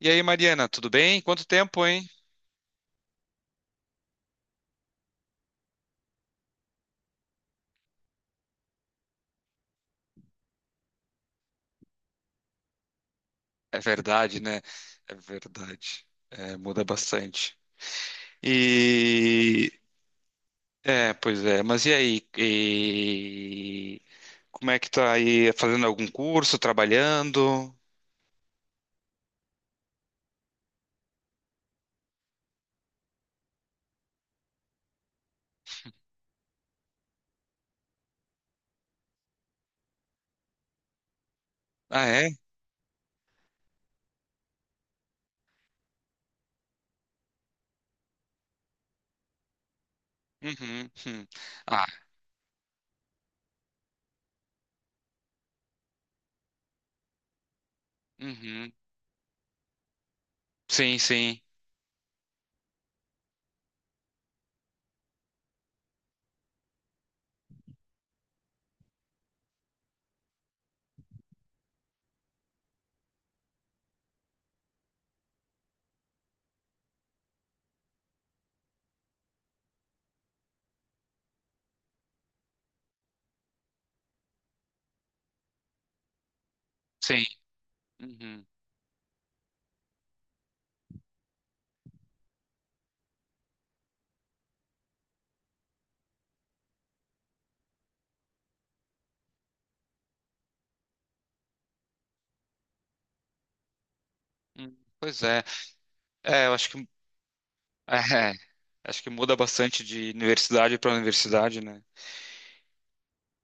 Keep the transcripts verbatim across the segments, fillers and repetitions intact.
E aí, Mariana, tudo bem? Quanto tempo, hein? É verdade, né? É verdade. É, muda bastante. E é, pois é. Mas e aí? E... Como é que tá aí? Fazendo algum curso? Trabalhando? Ah, é? Uhum, uhum. Ah, uhum. Sim, sim, sim. Uhum. Hum, pois é. É, eu acho que é, acho que muda bastante de universidade para universidade, né?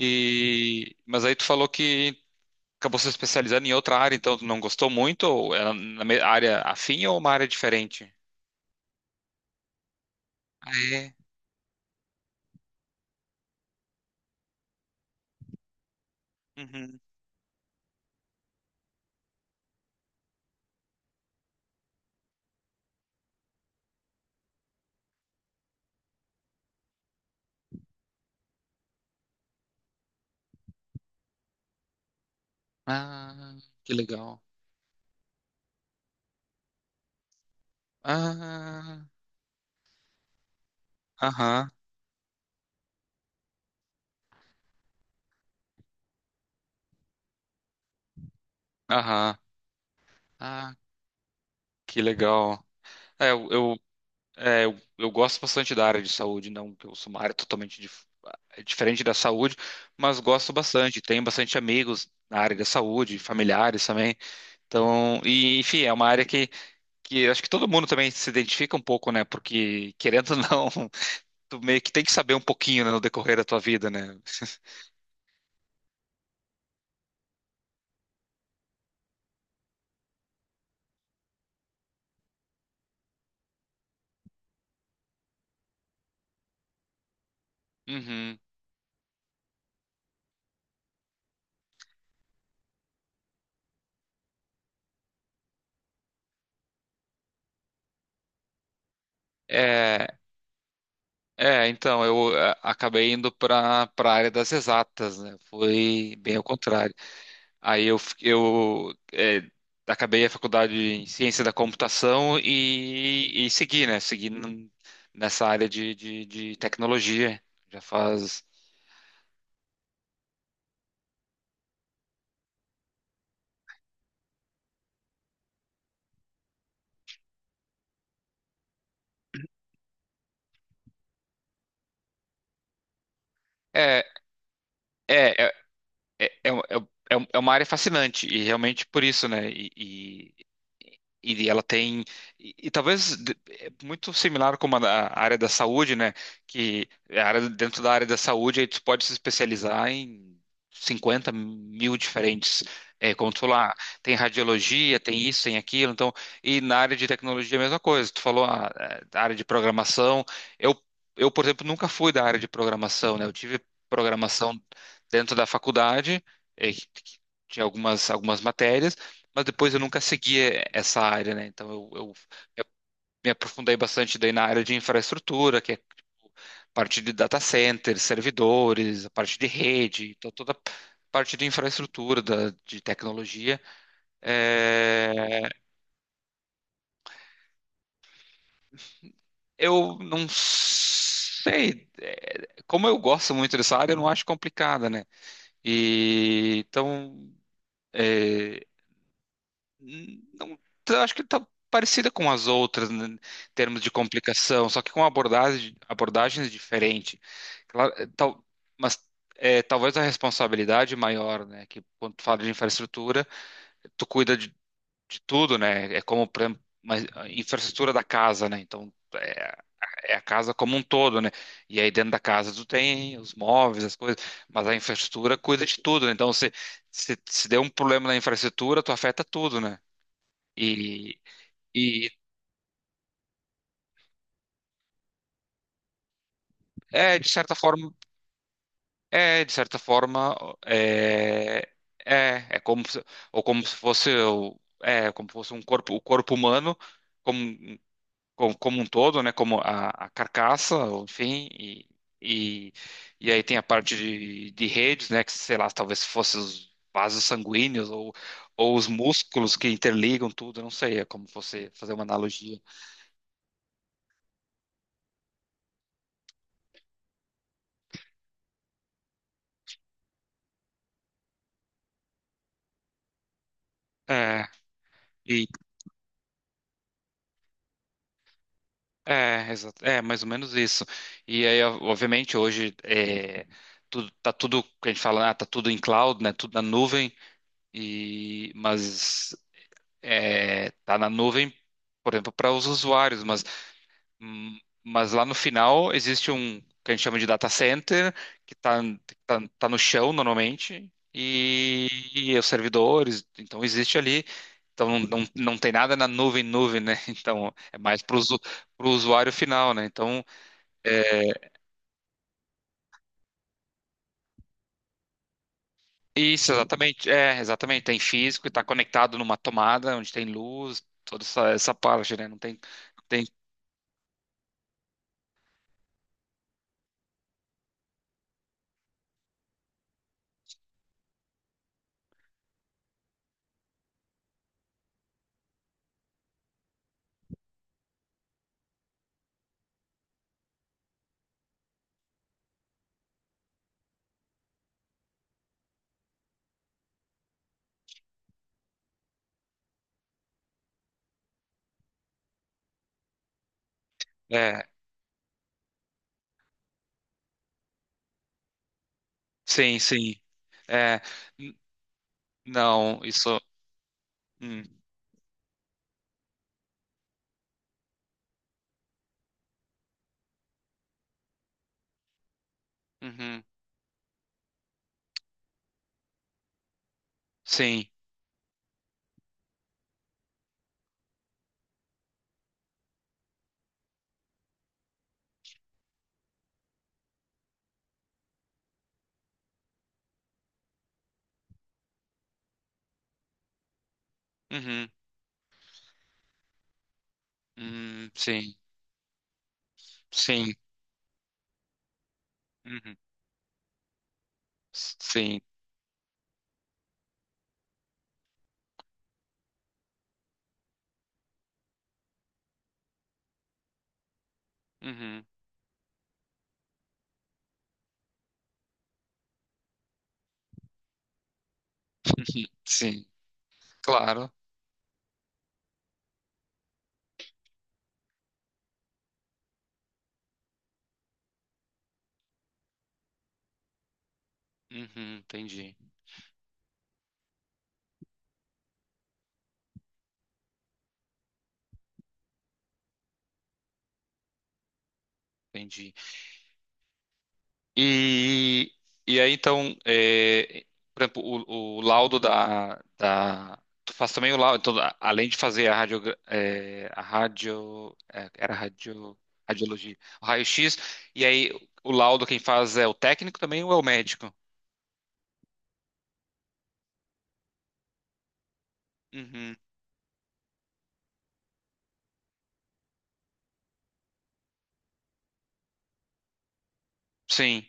E mas aí tu falou que acabou se especializando em outra área, então tu não gostou muito? Ou é na me- área afim ou uma área diferente? Ah, é? Uhum. Ah, que legal. Ah, aham, aham. Ah, que legal. É, eu, eu, é, eu, eu gosto bastante da área de saúde, não que eu sou uma área totalmente dif- é, diferente da saúde, mas gosto bastante. Tenho bastante amigos na área da saúde, familiares também. Então, e, enfim, é uma área que, que acho que todo mundo também se identifica um pouco, né? Porque, querendo ou não, tu meio que tem que saber um pouquinho, né, no decorrer da tua vida, né? Uhum. É, é, então, eu é, acabei indo para para a área das exatas, né? Foi bem ao contrário. Aí eu, f- eu é, acabei a faculdade em ciência da computação e, e segui, né? Segui n- nessa área de, de, de tecnologia. Já faz. É, é, é, é, é, um- é um- é uma área fascinante e realmente por isso, né? E, E ela tem, e, e talvez de- é muito similar como a, da- a área da saúde, né? Que é a área, dentro da área da saúde, aí tu pode se especializar em cinquenta mil diferentes. É, como tu falou, ah, tem radiologia, tem isso, tem aquilo. Então, e na área de tecnologia é a mesma coisa. Tu falou a, a área de programação. Eu, eu, por exemplo, nunca fui da área de programação, né? Eu tive programação dentro da faculdade, eh, que- que tinha algumas, algumas matérias mas depois eu nunca segui eh, essa área, né? Então eu, eu me me aprofundei bastante daí na área de infraestrutura, que é tipo, parte de data centers, servidores, a parte de rede, então toda a parte de infraestrutura, da- de tecnologia. É, eu não sei, é, como eu gosto muito dessa área, eu não acho complicada, né? E então, eh, não, eu acho que está parecida com as outras, né, em termos de complicação, só que com abordagem, abordagens diferentes. Claro, é, tal, mas é, talvez a responsabilidade maior, né? Que quando tu fala de infraestrutura, tu cuida de, de tudo, né? É como, por exemplo, uma infraestrutura da casa, né? Então, é, é a casa como um todo, né? E aí dentro da casa tu tem os móveis, as coisas, mas a infraestrutura cuida de tudo, né? Então, se, se, se der um problema na infraestrutura, tu afeta tudo, né? E, e é, de certa forma, é, de certa forma, é, é, é como se, ou como se fosse, o- é, como se fosse um corpo, o corpo humano como, como, como um todo, né, como a, a carcaça, ou enfim, e, e, e aí tem a parte de, de redes, né, que sei lá, talvez fosse os vasos sanguíneos ou, ou os músculos que interligam tudo, eu não sei, é como você fazer uma analogia. É, É, exato. É, mais ou menos isso. E aí, ó, obviamente, hoje é, tudo, tá tudo, que a gente fala, ah, tá tudo em cloud, né? Tudo na nuvem, e, mas é, tá na nuvem, por exemplo, para os usuários, mas, hum, mas lá no final existe um que a gente chama de data center, que tá, tá, tá no chão normalmente, e, e os servidores, então existe ali. Então não, não, não tem nada na nuvem, nuvem, né? Então é mais para o usuário final, né? Então. é, Isso, exatamente. É, exatamente. Tem físico e está conectado numa tomada onde tem luz, toda essa, essa parte, né? Não tem, tem. É, sim, sim. É, n- não, isso. Hum, uhum, sim. Uhum, uhum, sim. Sim. Uhum, sim. Uhum, sim. Claro. Uhum, entendi, entendi. E, e aí, então, é, por exemplo, o, o laudo da, da. Tu faz também o laudo. Então, a- além de fazer a radio, é, a radio, é, era radio, radiologia, o raio-x, e aí o laudo quem faz é o técnico também ou é o médico? Uhum. Sim.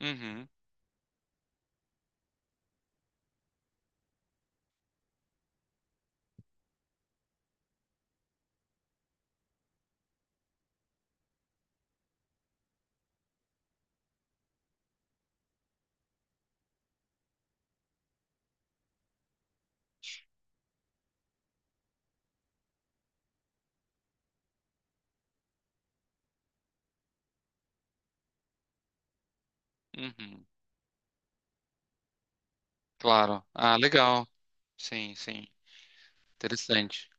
Uhum. Uhum. Claro. Ah, legal. Sim, sim. Interessante.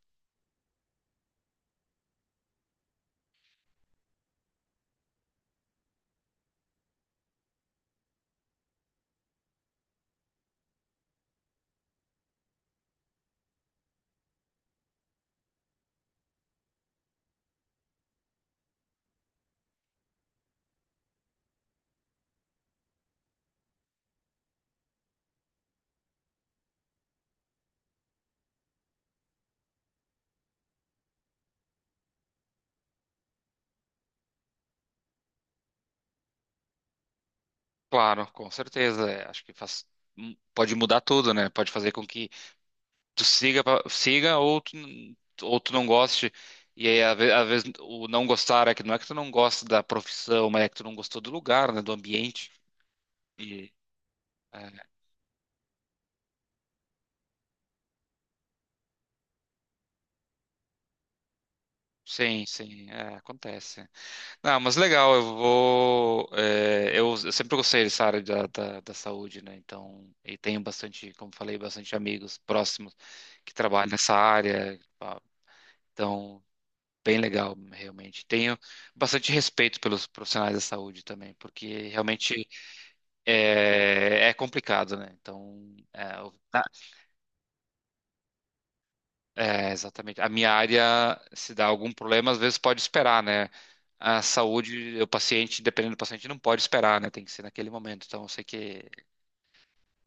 Claro, com certeza. É, Acho que faz, hum, pode mudar tudo, né? Pode fazer com que tu siga, pra- siga ou tu, ou tu não goste. E aí, às ve- às vezes, o não gostar é que não é que tu não gosta da profissão, mas é que tu não gostou do lugar, né, do ambiente. E, é, sim, sim, é, acontece. Não, mas legal, eu vou. é, eu, eu sempre gostei dessa área da, da, da saúde, né? Então, e tenho bastante, como falei, bastante amigos próximos que trabalham nessa área. Pá, então, bem legal, realmente. Tenho bastante respeito pelos profissionais da saúde também, porque realmente É, é complicado, né? Então, é, o- Ah, é, exatamente. A minha área, se dá algum problema, às vezes pode esperar, né? A saúde, o paciente, dependendo do paciente, não pode esperar, né? Tem que ser naquele momento. Então, eu sei que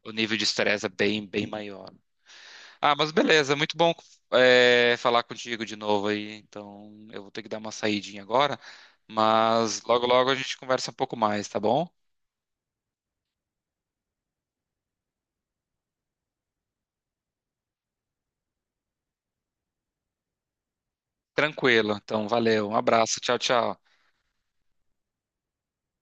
o nível de estresse é bem, bem maior. Ah, mas beleza, muito bom, é, falar contigo de novo aí. Então, eu vou ter que dar uma saidinha agora, mas logo, logo a gente conversa um pouco mais, tá bom? Tranquilo. Então, valeu. Um abraço. Tchau, tchau.